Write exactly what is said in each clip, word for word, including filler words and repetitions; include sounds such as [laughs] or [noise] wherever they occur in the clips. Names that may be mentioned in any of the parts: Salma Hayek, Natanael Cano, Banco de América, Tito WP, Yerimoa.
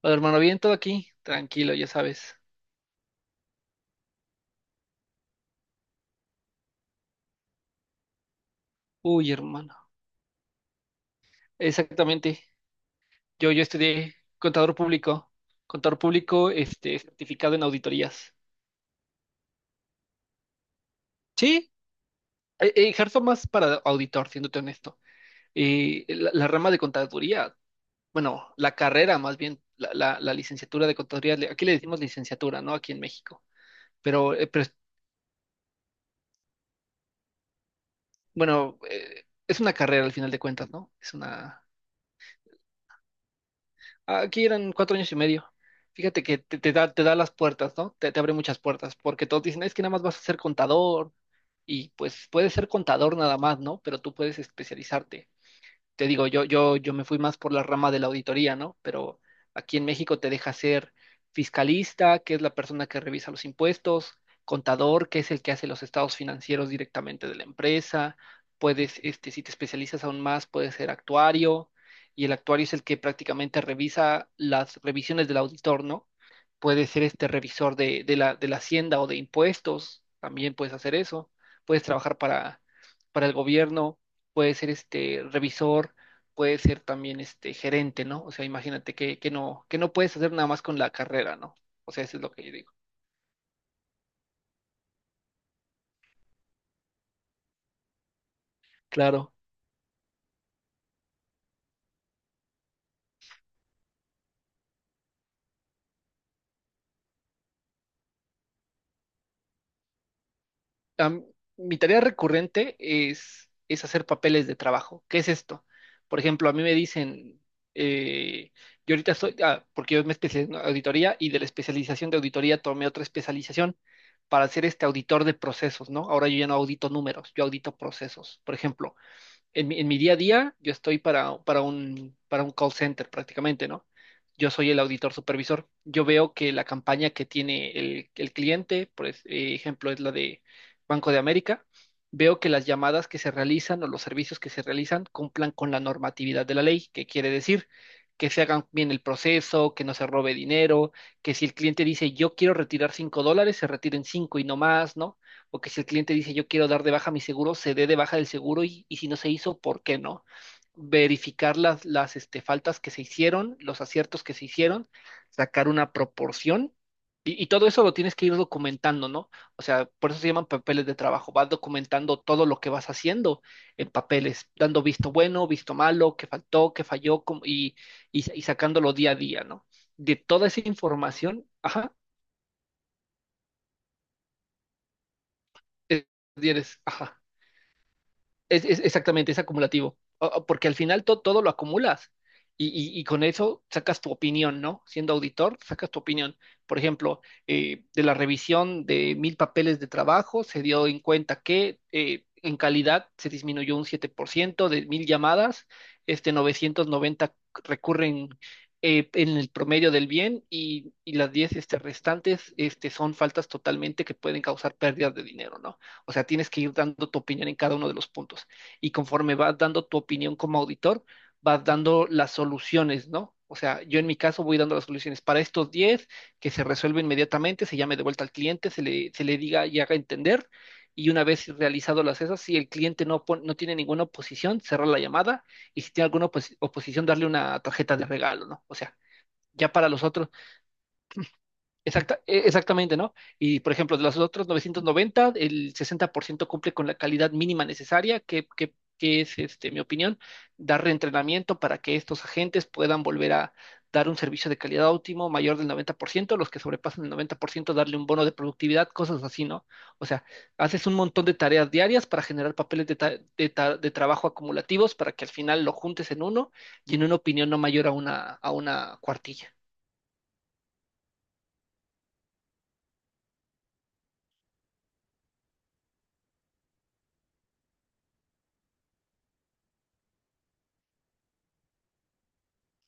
Hola, hermano, bien, todo aquí, tranquilo, ya sabes. Uy, hermano, exactamente. Yo, yo estudié contador público, contador público, este, certificado en auditorías. Sí, eh, eh, ejerzo más para auditor, siéndote honesto. Eh, la, la rama de contaduría, bueno, la carrera más bien, la, la, la licenciatura de contaduría, le- aquí le decimos licenciatura, ¿no? Aquí en México. Pero, eh, pero es- bueno, eh, es una carrera al final de cuentas, ¿no? Es una. Aquí eran cuatro años y medio. Fíjate que te, te da, te da las puertas, ¿no? Te, te abre muchas puertas, porque todos dicen, es que nada más vas a ser contador, y pues puedes ser contador nada más, ¿no? Pero tú puedes especializarte. Te digo, yo, yo, yo me fui más por la rama de la auditoría, ¿no? Pero aquí en México te deja ser fiscalista, que es la persona que revisa los impuestos; contador, que es el que hace los estados financieros directamente de la empresa; puedes, este, si te especializas aún más, puedes ser actuario, y el actuario es el que prácticamente revisa las revisiones del auditor, ¿no? Puedes ser este revisor de, de la, de la hacienda o de impuestos, también puedes hacer eso; puedes trabajar para, para el gobierno, puede ser este revisor, puede ser también este gerente, ¿no? O sea, imagínate que, que no, que no puedes hacer nada más con la carrera, ¿no? O sea, eso es lo que yo digo. Claro. Am- Mi tarea recurrente es, es hacer papeles de trabajo. ¿Qué es esto? Por ejemplo, a mí me dicen, eh, yo ahorita soy, ah, porque yo me especialicé en auditoría y de la especialización de auditoría tomé otra especialización para ser este auditor de procesos, ¿no? Ahora yo ya no audito números, yo audito procesos. Por ejemplo, en mi, en mi día a día, yo estoy para, para un, para un call center prácticamente, ¿no? Yo soy el auditor supervisor. Yo veo que la campaña que tiene el, el cliente, por es- eh, ejemplo, es la de Banco de América. Veo que las llamadas que se realizan o los servicios que se realizan cumplan con la normatividad de la ley, que quiere decir que se hagan bien el proceso, que no se robe dinero, que si el cliente dice yo quiero retirar cinco dólares, se retiren cinco y no más, ¿no?, o que si el cliente dice yo quiero dar de baja mi seguro, se dé de baja del seguro, y, y si no se hizo, ¿por qué no? Verificar las, las este, faltas que se hicieron, los aciertos que se hicieron, sacar una proporción, y, y todo eso lo tienes que ir documentando, ¿no? O sea, por eso se llaman papeles de trabajo: vas documentando todo lo que vas haciendo en papeles, dando visto bueno, visto malo, qué faltó, qué falló cómo- y, y, y sacándolo día a día, ¿no? De toda esa información, ajá, es- tienes, ajá. Es, es- exactamente, es acumulativo, O- o porque al final to- todo lo acumulas, y, y- y con eso sacas tu opinión, ¿no? Siendo auditor, sacas tu opinión. Por ejemplo, eh, de la revisión de mil papeles de trabajo, se dio en cuenta que eh, en calidad se disminuyó un siete por ciento de mil llamadas, este, novecientos noventa recurren eh, en el promedio del bien, y, y las diez, este, restantes, este, son faltas totalmente que pueden causar pérdidas de dinero, ¿no? O sea, tienes que ir dando tu opinión en cada uno de los puntos. Y conforme vas dando tu opinión como auditor, vas dando las soluciones, ¿no? O sea, yo en mi caso voy dando las soluciones para estos diez, que se resuelve inmediatamente: se llame de vuelta al cliente, se le, se le diga y haga entender. Y una vez realizado las esas, si el cliente no, pon- no tiene ninguna oposición, cerrar la llamada, y si tiene alguna opos- oposición, darle una tarjeta de regalo, ¿no? O sea, ya para los otros. Exacta, e- exactamente, ¿no? Y por ejemplo, de los otros novecientos noventa, el sesenta por ciento cumple con la calidad mínima necesaria, que, que- que es, este, mi opinión: dar reentrenamiento para que estos agentes puedan volver a dar un servicio de calidad óptimo mayor del noventa por ciento, los que sobrepasan el noventa por ciento darle un bono de productividad, cosas así, ¿no? O sea, haces un montón de tareas diarias para generar papeles de, ta- de ta- de trabajo acumulativos, para que al final lo juntes en uno y en una opinión no mayor a una, a una cuartilla.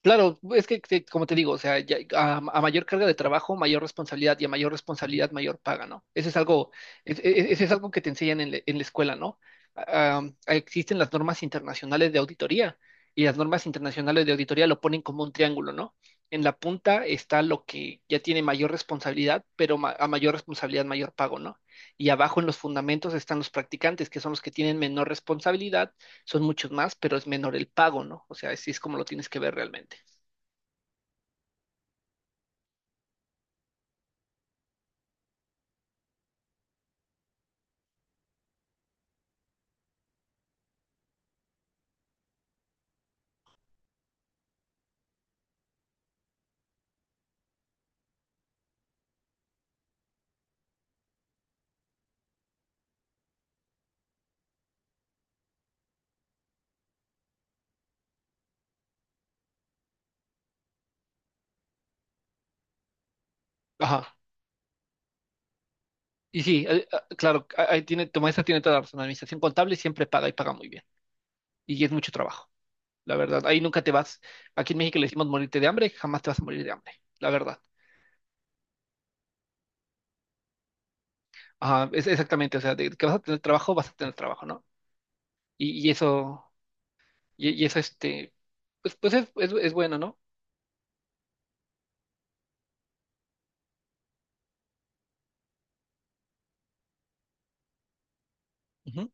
Claro, es que, que, como te digo, o sea, ya- a, a mayor carga de trabajo, mayor responsabilidad, y a mayor responsabilidad, mayor paga, ¿no? Eso es algo, es- es- eso es algo que te enseñan en, la en la escuela, ¿no? Ah, existen las normas internacionales de auditoría, y las normas internacionales de auditoría lo ponen como un triángulo, ¿no? En la punta está lo que ya tiene mayor responsabilidad, pero ma- a mayor responsabilidad, mayor pago, ¿no? Y abajo en los fundamentos están los practicantes, que son los que tienen menor responsabilidad, son muchos más, pero es menor el pago, ¿no? O sea, así es como lo tienes que ver realmente. Ajá. Y sí, eh, ah, claro, ah, ahí tiene, tu maestra tiene toda la razón. La administración contable siempre paga y paga muy bien. Y es mucho trabajo, la verdad. Ahí nunca te vas. Aquí en México le decimos morirte de hambre, jamás te vas a morir de hambre, la verdad. Ajá, es exactamente, o sea, de que vas a tener trabajo, vas a tener trabajo, ¿no? Y, y eso, y, y eso, este, pues, pues es, es, es bueno, ¿no? Ujú.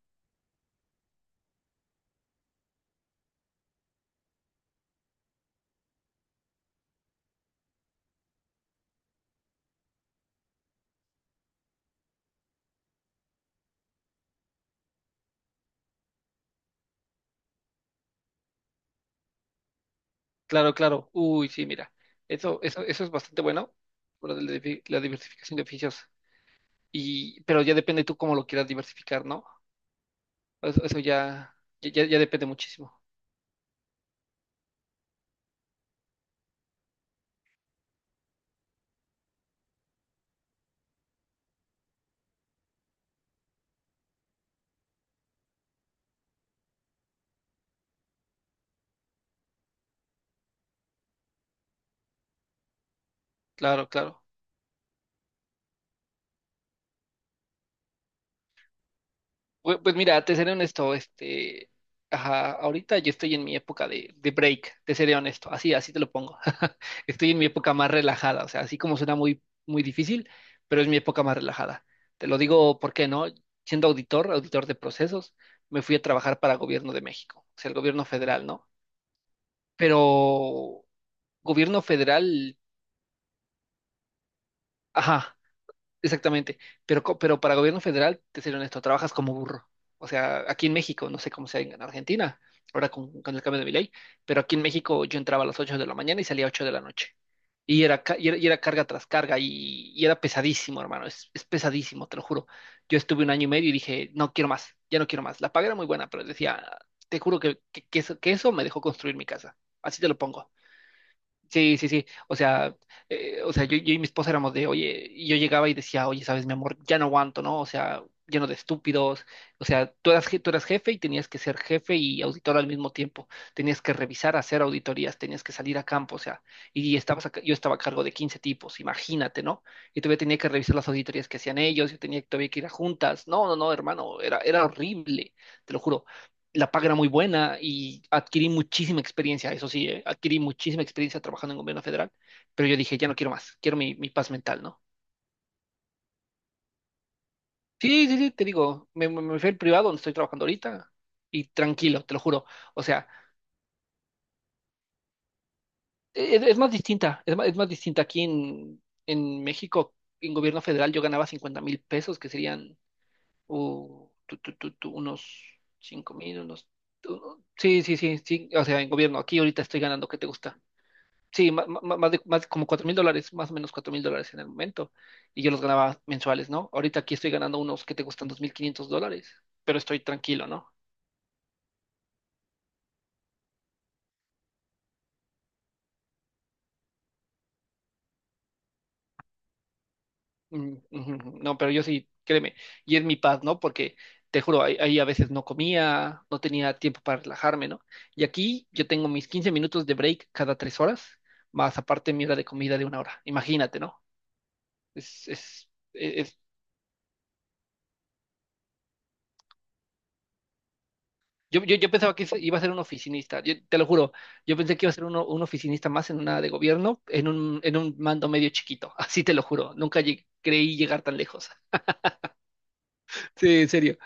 Claro, claro. Uy, sí, mira, eso, eso, eso es bastante bueno, por la la diversificación de oficios. Y, pero ya depende tú cómo lo quieras diversificar, ¿no? Eso, eso ya, ya, ya- depende muchísimo. Claro, claro. Pues, pues mira, te seré honesto, este, ajá, ahorita yo estoy en mi época de, de break, te seré honesto, así, así te lo pongo. [laughs] Estoy en mi época más relajada, o sea, así como suena muy, muy difícil, pero es mi época más relajada. Te lo digo porque no, siendo auditor, auditor de procesos, me fui a trabajar para el gobierno de México, o sea, el gobierno federal, ¿no? Pero gobierno federal, ajá, exactamente, pero, co- pero para gobierno federal, te seré honesto, trabajas como burro. O sea, aquí en México, no sé cómo sea en Argentina, ahora con, con el cambio de mi ley, pero aquí en México yo entraba a las ocho de la mañana y salía a ocho de la noche. Y era, ca- y era, y era carga tras carga, y, y era pesadísimo, hermano, es, es pesadísimo, te lo juro. Yo estuve un año y medio y dije, no quiero más, ya no quiero más. La paga era muy buena, pero decía, te juro que, que, que eso, que eso me dejó construir mi casa. Así te lo pongo. Sí, sí, sí. O sea, eh, o sea, yo, yo y mi esposa éramos de oye, y yo llegaba y decía, oye, sabes, mi amor, ya no aguanto, ¿no? O sea, lleno de estúpidos. O sea, tú eras, je- tú eras jefe y tenías que ser jefe y auditor al mismo tiempo. Tenías que revisar, hacer auditorías, tenías que salir a campo, o sea, y estabas a ca- yo estaba a cargo de quince tipos, imagínate, ¿no? Y todavía tenía que revisar las auditorías que hacían ellos, yo tenía todavía que ir a juntas. No, no, no, hermano, era, era horrible, te lo juro. La paga era muy buena y adquirí muchísima experiencia, eso sí, eh, adquirí muchísima experiencia trabajando en gobierno federal, pero yo dije, ya no quiero más, quiero mi, mi paz mental, ¿no? Sí, sí, sí, te digo, me, me- me fui al privado donde estoy trabajando ahorita, y tranquilo, te lo juro. O sea, e- es, es más distinta, es más, es más distinta aquí en, en México. En gobierno federal yo ganaba cincuenta mil pesos, que serían uh, tu, tu, tu, tu, unos cinco mil, unos. tu- Sí, sí, sí, sí, o sea, en gobierno, aquí ahorita estoy ganando, ¿qué te gusta? Sí, ma- ma- más, de, más como cuatro mil dólares, más o menos cuatro mil dólares en el momento. Y yo los ganaba mensuales, ¿no? Ahorita aquí estoy ganando unos que te gustan dos mil quinientos dólares, pero estoy tranquilo, ¿no? Mm, ujú, no, pero yo sí, créeme. Y es mi paz, ¿no? Porque te juro, ahí, ahí a veces no comía, no tenía tiempo para relajarme, ¿no? Y aquí yo tengo mis quince minutos de break cada tres horas, más aparte mi hora de comida de una hora. Imagínate, ¿no? Es, es, es. Yo, yo, yo pensaba que iba a ser un oficinista, yo- te lo juro, yo pensé que iba a ser uno, un oficinista más en una de gobierno, en un, en un mando medio chiquito, [laughs] así te lo juro, nunca lleg- creí llegar tan lejos. [laughs] Sí, en serio.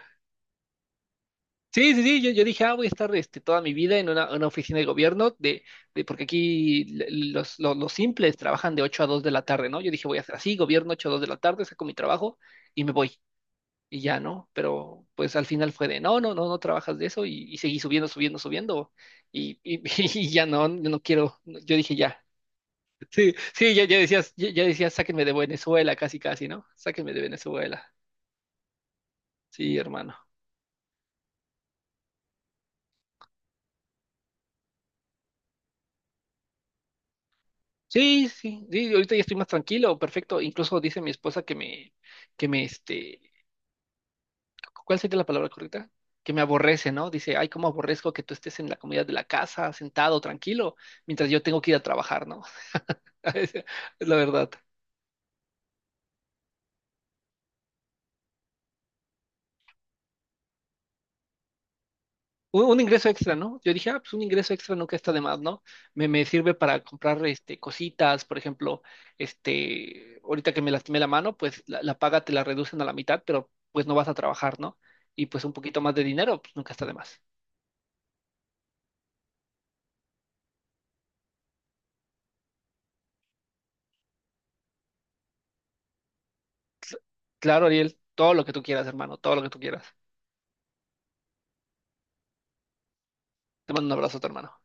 Sí, sí, sí, yo, yo dije, ah, voy a estar este, toda mi vida en una, una oficina de gobierno, de, de- porque aquí l- los, los, los simples trabajan de ocho a dos de la tarde, ¿no? Yo dije, voy a hacer así, gobierno ocho a dos de la tarde, saco mi trabajo y me voy. Y ya, ¿no? Pero pues al final fue de, no, no, no, no trabajas de eso, y, y seguí subiendo, subiendo, subiendo, y, y- [laughs] y ya no, yo no quiero, yo dije ya. Sí, sí, ya, ya decías, ya, ya decías, sáquenme de Venezuela, casi, casi, ¿no? Sáquenme de Venezuela. Sí, hermano. Sí, sí, sí, ahorita ya estoy más tranquilo, perfecto. Incluso dice mi esposa que me, que me, este, ¿cuál sería la palabra correcta? Que me aborrece, ¿no? Dice, ay, cómo aborrezco que tú estés en la comodidad de la casa, sentado, tranquilo, mientras yo tengo que ir a trabajar, ¿no? [laughs] Es la verdad. Un, un ingreso extra, ¿no? Yo dije, ah, pues un ingreso extra nunca está de más, ¿no? Me, me sirve para comprar este, cositas, por ejemplo, este, ahorita que me lastimé la mano, pues la, la paga te la reducen a la mitad, pero pues no vas a trabajar, ¿no? Y pues un poquito más de dinero, pues nunca está de más. Cl- Claro, Ariel, todo lo que tú quieras, hermano, todo lo que tú quieras. Te mando un abrazo, hermano.